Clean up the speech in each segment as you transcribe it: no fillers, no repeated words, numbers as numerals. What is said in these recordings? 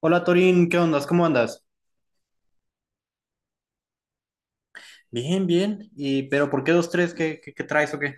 Hola Torín, ¿qué ondas? ¿Cómo andas? Bien, bien. ¿Y pero por qué dos, tres? ¿Qué traes o qué?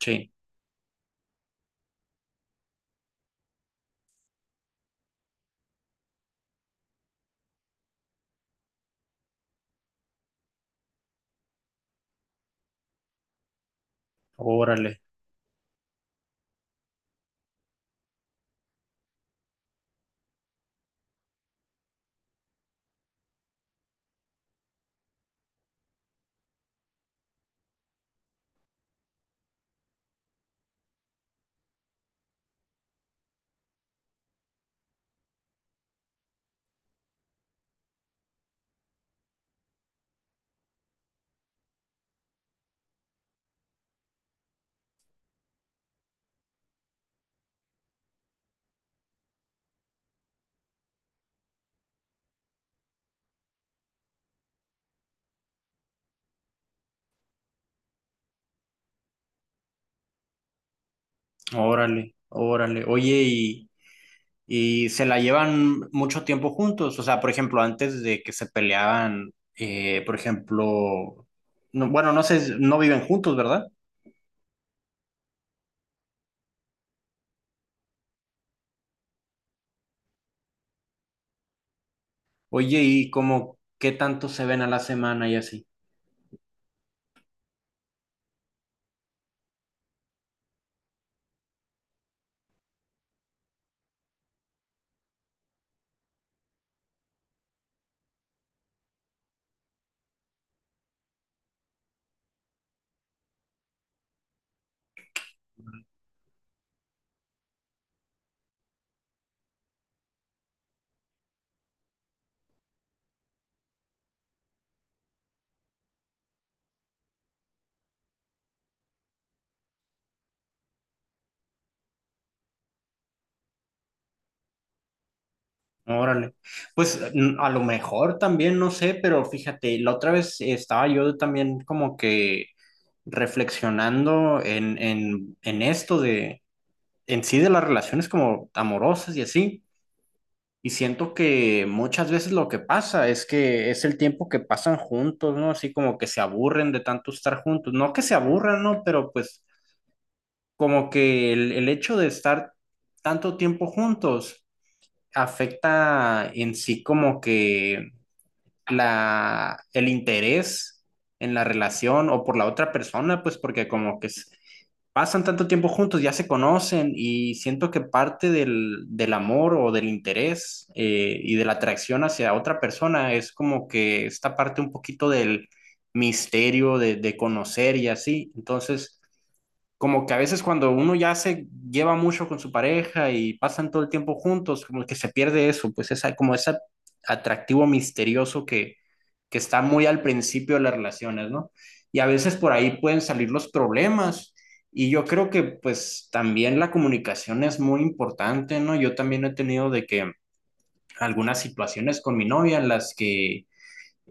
Sí, órale, órale, órale. Oye, y se la llevan mucho tiempo juntos. O sea, por ejemplo, antes de que se peleaban, por ejemplo, bueno, no sé, no viven juntos, ¿verdad? Oye, y como qué tanto se ven a la semana y así. Órale. Pues a lo mejor también, no sé, pero fíjate, la otra vez estaba yo también como que reflexionando en esto de, en sí de las relaciones como amorosas y así. Y siento que muchas veces lo que pasa es que es el tiempo que pasan juntos, ¿no? Así como que se aburren de tanto estar juntos. No que se aburran, ¿no? Pero pues como que el hecho de estar tanto tiempo juntos afecta en sí como que la, el interés en la relación o por la otra persona, pues porque como que es, pasan tanto tiempo juntos, ya se conocen y siento que parte del amor o del interés y de la atracción hacia otra persona es como que esta parte un poquito del misterio de conocer y así. Entonces, como que a veces cuando uno ya se lleva mucho con su pareja y pasan todo el tiempo juntos, como que se pierde eso, pues esa, como ese atractivo misterioso que está muy al principio de las relaciones, ¿no? Y a veces por ahí pueden salir los problemas. Y yo creo que pues también la comunicación es muy importante, ¿no? Yo también he tenido de que algunas situaciones con mi novia en las que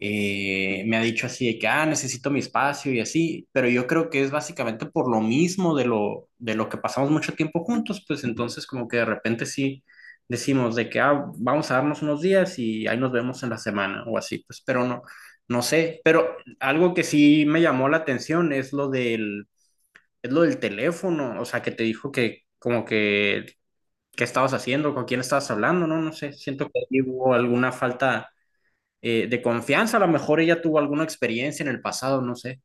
me ha dicho así de que, ah, necesito mi espacio y así, pero yo creo que es básicamente por lo mismo de de lo que pasamos mucho tiempo juntos, pues entonces como que de repente sí decimos de que, ah, vamos a darnos unos días y ahí nos vemos en la semana o así, pues, pero no, no sé, pero algo que sí me llamó la atención es lo es lo del teléfono, o sea, que te dijo que como que, ¿qué estabas haciendo? ¿Con quién estabas hablando? No, no sé, siento que ahí hubo alguna falta de confianza. A lo mejor ella tuvo alguna experiencia en el pasado, no sé.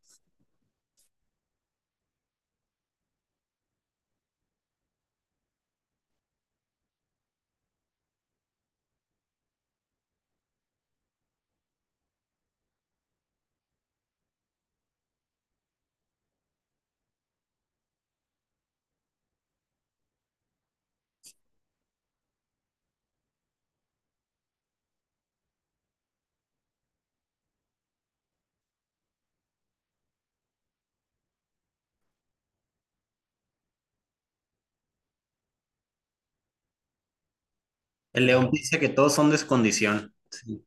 El León dice que todos son descondición. Sí.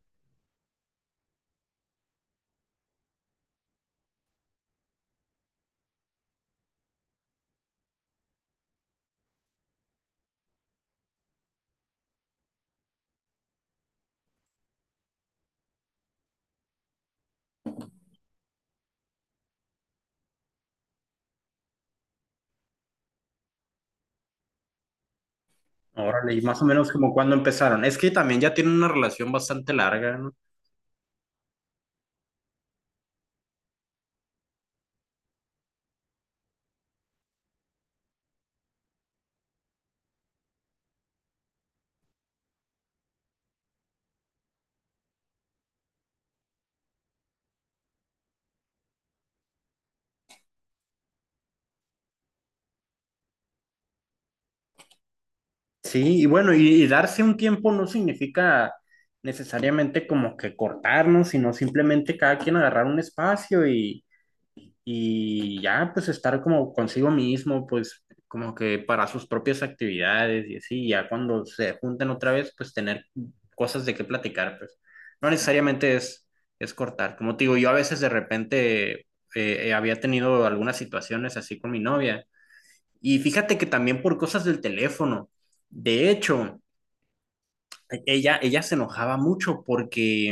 Órale, y más o menos como cuando empezaron. Es que también ya tienen una relación bastante larga, ¿no? Sí, y bueno, y darse un tiempo no significa necesariamente como que cortarnos, sino simplemente cada quien agarrar un espacio y ya pues estar como consigo mismo, pues como que para sus propias actividades y así, ya cuando se juntan otra vez, pues tener cosas de qué platicar, pues no necesariamente es cortar. Como te digo, yo a veces de repente había tenido algunas situaciones así con mi novia y fíjate que también por cosas del teléfono, de hecho, ella se enojaba mucho porque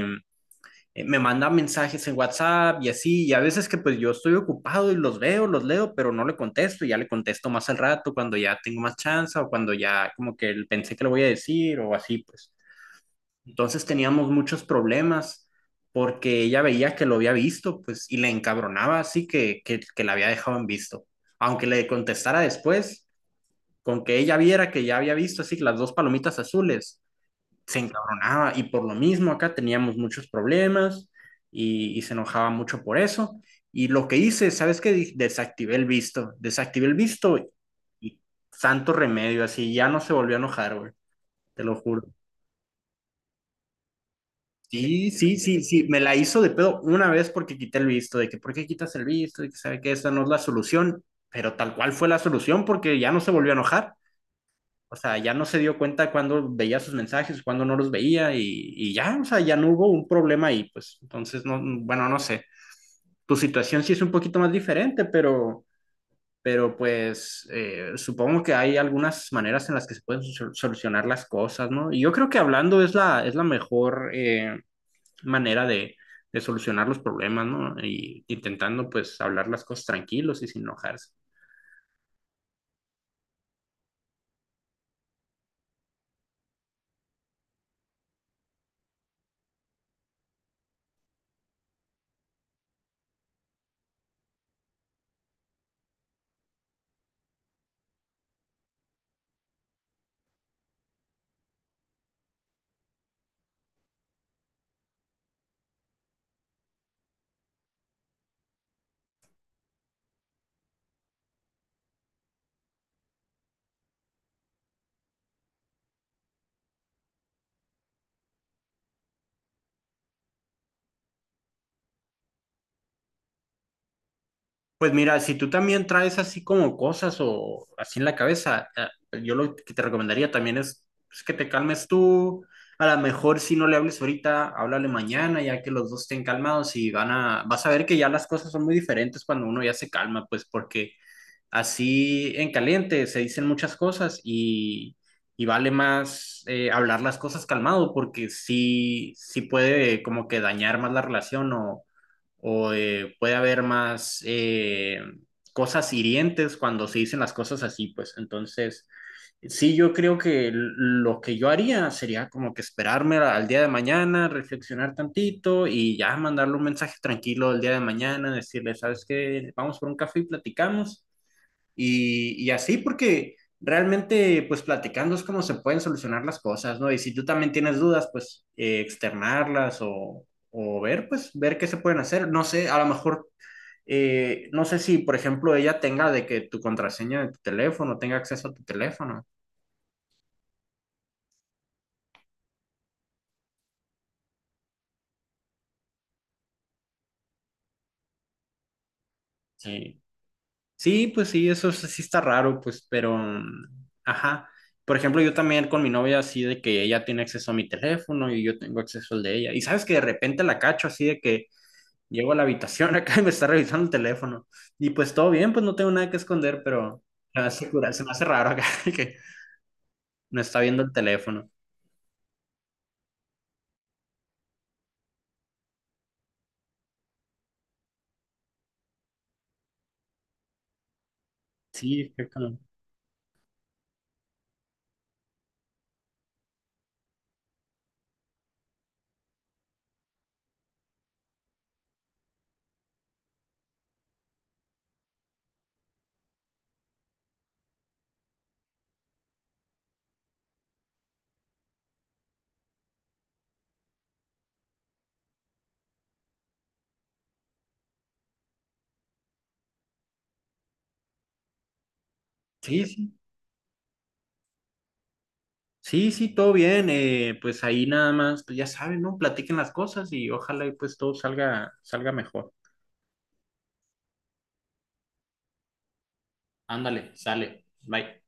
me mandan mensajes en WhatsApp y así, y a veces que pues yo estoy ocupado y los veo, los leo, pero no le contesto, y ya le contesto más al rato cuando ya tengo más chance o cuando ya como que pensé que le voy a decir o así, pues. Entonces teníamos muchos problemas porque ella veía que lo había visto, pues, y le encabronaba así que la había dejado en visto. Aunque le contestara después, con que ella viera que ya había visto así las dos palomitas azules, se encabronaba y por lo mismo acá teníamos muchos problemas y se enojaba mucho por eso. Y lo que hice, ¿sabes qué? Desactivé el visto y santo remedio, así ya no se volvió a enojar, güey, te lo juro. Sí, sí, sí, sí, me la hizo de pedo una vez porque quité el visto, de que ¿por qué quitas el visto? De que sabe que esa no es la solución, pero tal cual fue la solución porque ya no se volvió a enojar. O sea, ya no se dio cuenta cuando veía sus mensajes, cuando no los veía y ya, o sea, ya no hubo un problema ahí, pues. Entonces, no, bueno, no sé. Tu situación sí es un poquito más diferente, pero pues supongo que hay algunas maneras en las que se pueden solucionar las cosas, ¿no? Y yo creo que hablando es es la mejor manera de solucionar los problemas, ¿no? Y intentando pues hablar las cosas tranquilos y sin enojarse. Pues mira, si tú también traes así como cosas o así en la cabeza, yo lo que te recomendaría también es pues, que te calmes tú. A lo mejor si no le hables ahorita, háblale mañana, ya que los dos estén calmados y van a, vas a ver que ya las cosas son muy diferentes cuando uno ya se calma, pues porque así en caliente, se dicen muchas cosas y vale más hablar las cosas calmado porque sí, sí puede como que dañar más la relación o puede haber más cosas hirientes cuando se dicen las cosas así, pues entonces sí yo creo que lo que yo haría sería como que esperarme al día de mañana, reflexionar tantito y ya mandarle un mensaje tranquilo el día de mañana, decirle, ¿sabes qué? Vamos por un café y platicamos y así, porque realmente, pues platicando es como se pueden solucionar las cosas, ¿no? Y si tú también tienes dudas, pues externarlas o ver, pues ver qué se pueden hacer. No sé, a lo mejor, no sé si, por ejemplo, ella tenga de que tu contraseña de tu teléfono tenga acceso a tu teléfono. Sí, sí pues sí, eso sí sí está raro, pues, pero, mm, ajá. Por ejemplo, yo también con mi novia así de que ella tiene acceso a mi teléfono y yo tengo acceso al de ella. Y sabes que de repente la cacho así de que llego a la habitación acá y me está revisando el teléfono. Y pues todo bien, pues no tengo nada que esconder, pero se me hace, se me hace raro acá que no está viendo el teléfono. Sí, fue sí, sí, sí, sí, todo bien. Pues ahí nada más, pues ya saben, ¿no? Platiquen las cosas y ojalá y pues todo salga, salga mejor. Ándale, sale. Bye.